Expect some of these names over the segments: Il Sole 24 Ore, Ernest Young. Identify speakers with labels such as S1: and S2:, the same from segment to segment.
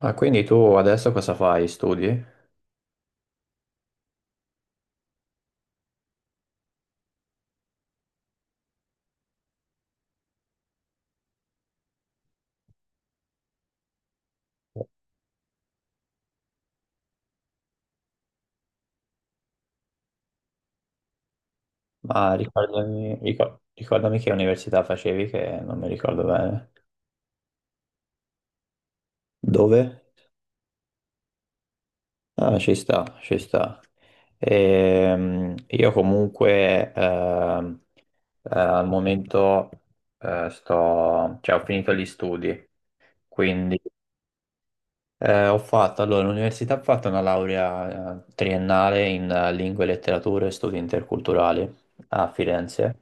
S1: Ah, quindi tu adesso cosa fai? Studi? Ma ricordami che università facevi, che non mi ricordo bene. Dove? Ah, ci sta, ci sta. Io comunque al momento sto, cioè, ho finito gli studi, quindi ho fatto, allora, l'università ha fatto una laurea triennale in lingue, e letterature e studi interculturali a Firenze.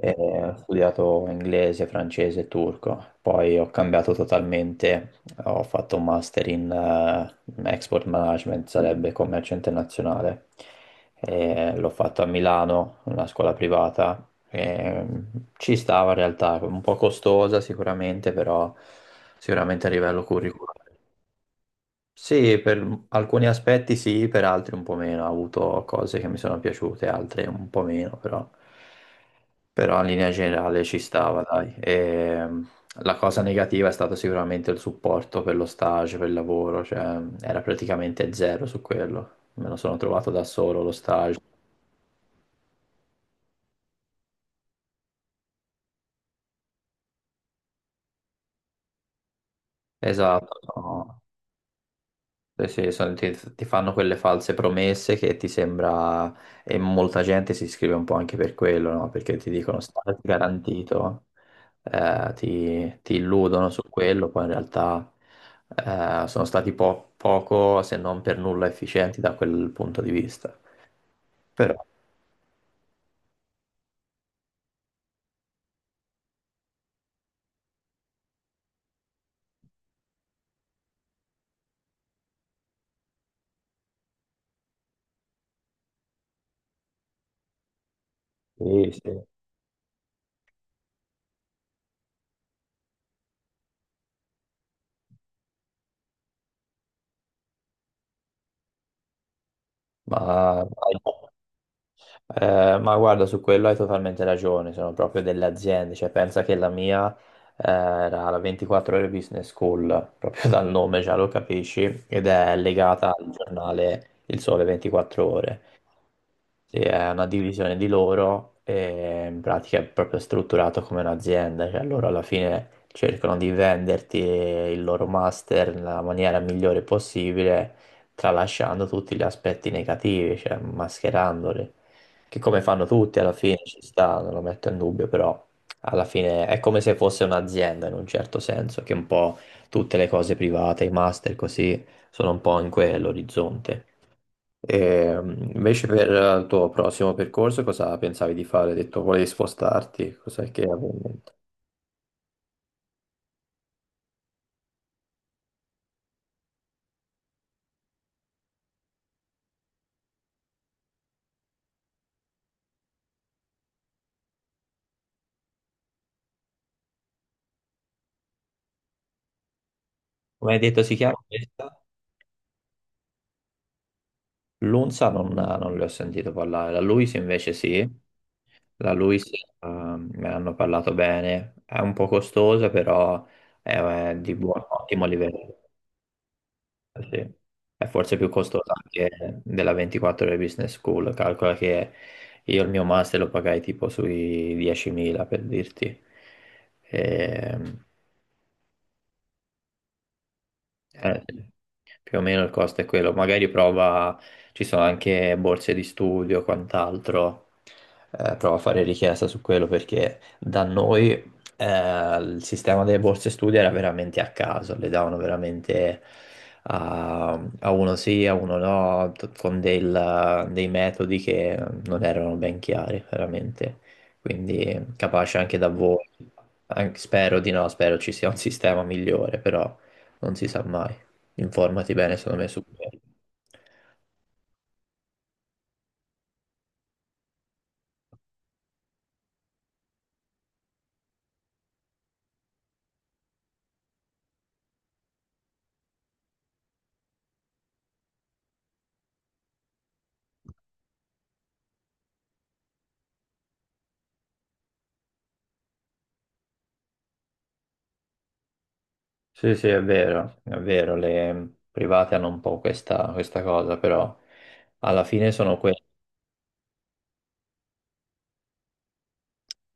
S1: E ho studiato inglese, francese e turco, poi ho cambiato totalmente, ho fatto un master in export management, sarebbe commercio internazionale. E l'ho fatto a Milano, una scuola privata. E, ci stava in realtà, un po' costosa sicuramente, però sicuramente a livello curriculare. Sì, per alcuni aspetti sì, per altri un po' meno. Ho avuto cose che mi sono piaciute, altre un po' meno, però in linea generale ci stava, dai. E, la cosa negativa è stato sicuramente il supporto per lo stage, per il lavoro, cioè era praticamente zero su quello. Me lo sono trovato da solo lo stage. Esatto, no. Sì, sì, ti fanno quelle false promesse che ti sembra, e molta gente si iscrive un po' anche per quello, no? Perché ti dicono stage garantito. Ti illudono su quello, poi in realtà sono stati poco, se non per nulla, efficienti da quel punto di vista. Però sì, sì. Ma, ma guarda, su quello hai totalmente ragione, sono proprio delle aziende, cioè pensa che la mia era la 24 Ore Business School, proprio dal nome già lo capisci, ed è legata al giornale Il Sole 24 Ore. Sì, è una divisione di loro e in pratica è proprio strutturato come un'azienda, cioè loro alla fine cercano di venderti il loro master nella maniera migliore possibile, tralasciando tutti gli aspetti negativi, cioè mascherandoli, che come fanno tutti alla fine ci sta, non lo metto in dubbio, però alla fine è come se fosse un'azienda in un certo senso, che un po' tutte le cose private, i master così, sono un po' in quell'orizzonte. E, invece per il tuo prossimo percorso cosa pensavi di fare? Hai detto volevi spostarti, cos'è che avevi in mente? Come hai detto si chiama questa? L'Unza non le ho sentito parlare, la Luis invece sì, la Luis me ne hanno parlato bene, è un po' costosa però è di buon, ottimo livello. Sì. È forse più costosa anche della 24 ore business school. Calcola che io il mio master lo pagai tipo sui 10.000 per dirti. Ehm, eh, più o meno il costo è quello. Magari prova, ci sono anche borse di studio, quant'altro. Prova a fare richiesta su quello perché da noi il sistema delle borse studio era veramente a caso, le davano veramente a uno sì, a uno no, con dei metodi che non erano ben chiari, veramente. Quindi capace anche da voi. Spero di no, spero ci sia un sistema migliore, però non si sa mai. Informati bene, secondo me, su quello. Sì, sì, è vero, le private hanno un po' questa cosa, però alla fine sono quelle.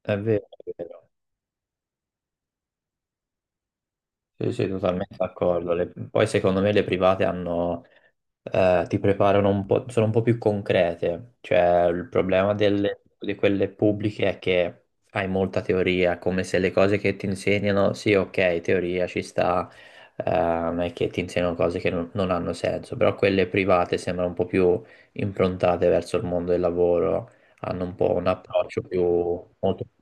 S1: È vero, è vero. Sì, sì, totalmente d'accordo. Poi secondo me le private hanno, ti preparano un po', sono un po' più concrete. Cioè, il problema di quelle pubbliche è che hai molta teoria, come se le cose che ti insegnano, sì, ok, teoria ci sta, non è che ti insegnano cose che non hanno senso, però quelle private sembrano un po' più improntate verso il mondo del lavoro, hanno un po' un approccio più molto più.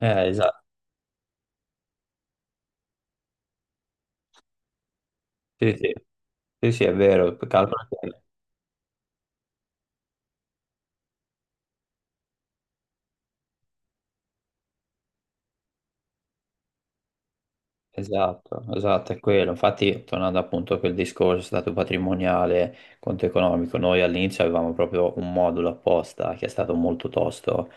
S1: Esatto. Sì, sì, sì, sì, è vero. Calcola che. Esatto, esatto, è quello. Infatti, tornando appunto a quel discorso stato patrimoniale, conto economico, noi all'inizio avevamo proprio un modulo apposta che è stato molto tosto.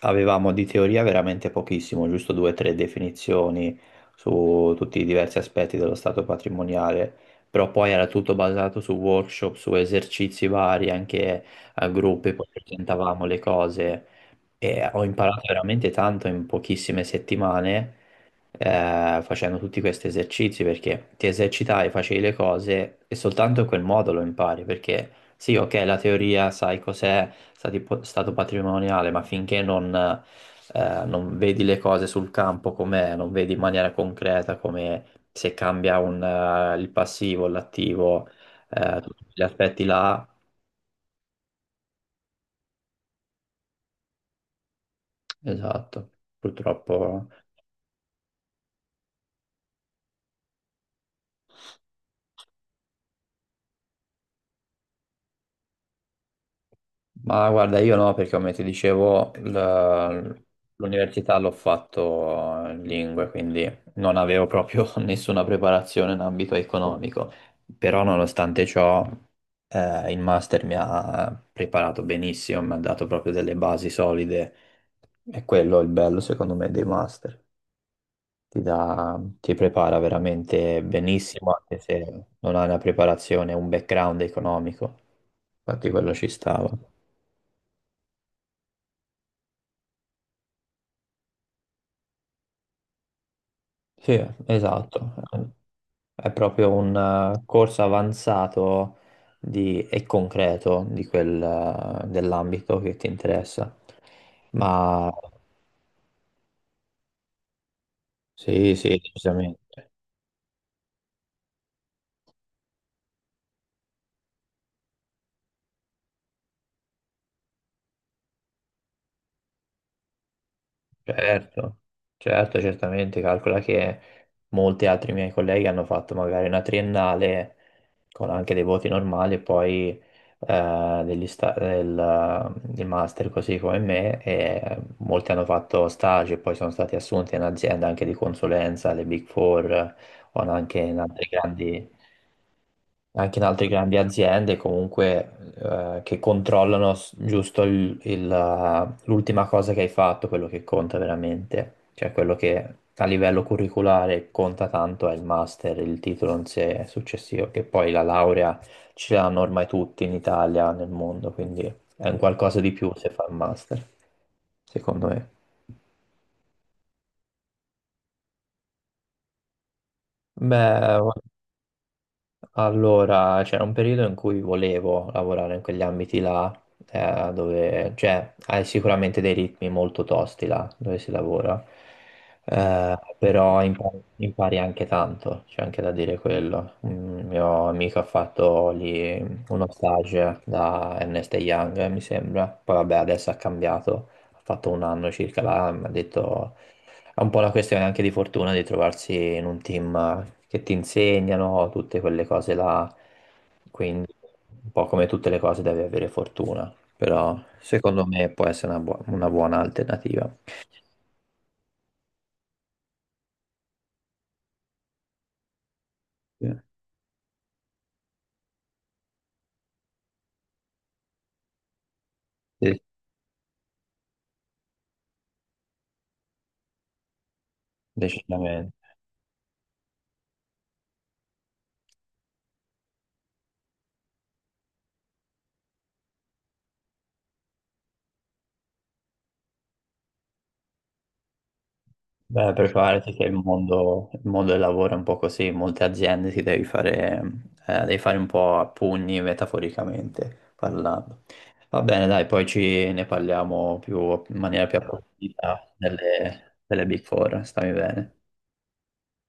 S1: Avevamo di teoria veramente pochissimo, giusto due o tre definizioni su tutti i diversi aspetti dello stato patrimoniale, però poi era tutto basato su workshop, su esercizi vari, anche a gruppi, poi presentavamo le cose e ho imparato veramente tanto in pochissime settimane facendo tutti questi esercizi perché ti esercitai, facevi le cose e soltanto in quel modo lo impari perché sì, ok, la teoria sai cos'è stato patrimoniale, ma finché non vedi le cose sul campo com'è, non vedi in maniera concreta come se cambia il passivo, l'attivo, certo. Tutti gli aspetti là, esatto, purtroppo. Ma guarda, io no, perché come ti dicevo, l'università l'ho fatto in lingue, quindi non avevo proprio nessuna preparazione in ambito economico, però nonostante ciò il master mi ha preparato benissimo, mi ha dato proprio delle basi solide, e quello è il bello secondo me dei master, ti prepara veramente benissimo anche se non hai una preparazione, un background economico, infatti quello ci stava. Sì, esatto. È proprio un corso avanzato e concreto dell'ambito che ti interessa. Ma sì, sì, decisamente. Certo, certo, certamente, calcola che molti altri miei colleghi hanno fatto magari una triennale con anche dei voti normali e poi del master così come me e molti hanno fatto stage e poi sono stati assunti in aziende anche di consulenza, le Big Four o anche in altre grandi anche in altre grandi aziende comunque che controllano giusto l'ultima cosa che hai fatto, quello che conta veramente, cioè quello che a livello curriculare conta tanto è il master, il titolo in sé successivo, che poi la laurea ce l'hanno ormai tutti in Italia, nel mondo, quindi è un, Certo, qualcosa di più se fa il master, secondo me. Beh, allora, c'era un periodo in cui volevo lavorare in quegli ambiti là, dove, cioè, hai sicuramente dei ritmi molto tosti là, dove si lavora, però impari, impari anche tanto, c'è anche da dire quello. Un mio amico ha fatto lì uno stage da Ernest Young, mi sembra, poi vabbè, adesso ha cambiato, ha fatto un anno circa là, mi ha detto è un po' una questione anche di fortuna di trovarsi in un team che ti insegnano tutte quelle cose là, quindi un po' come tutte le cose devi avere fortuna, però secondo me può essere una buona alternativa, sì. Sì, decisamente. Beh, preparati che il mondo del lavoro è un po' così, in molte aziende devi fare un po' a pugni metaforicamente parlando. Va bene, dai, poi ci ne parliamo più, in maniera più approfondita delle Big Four, stammi bene.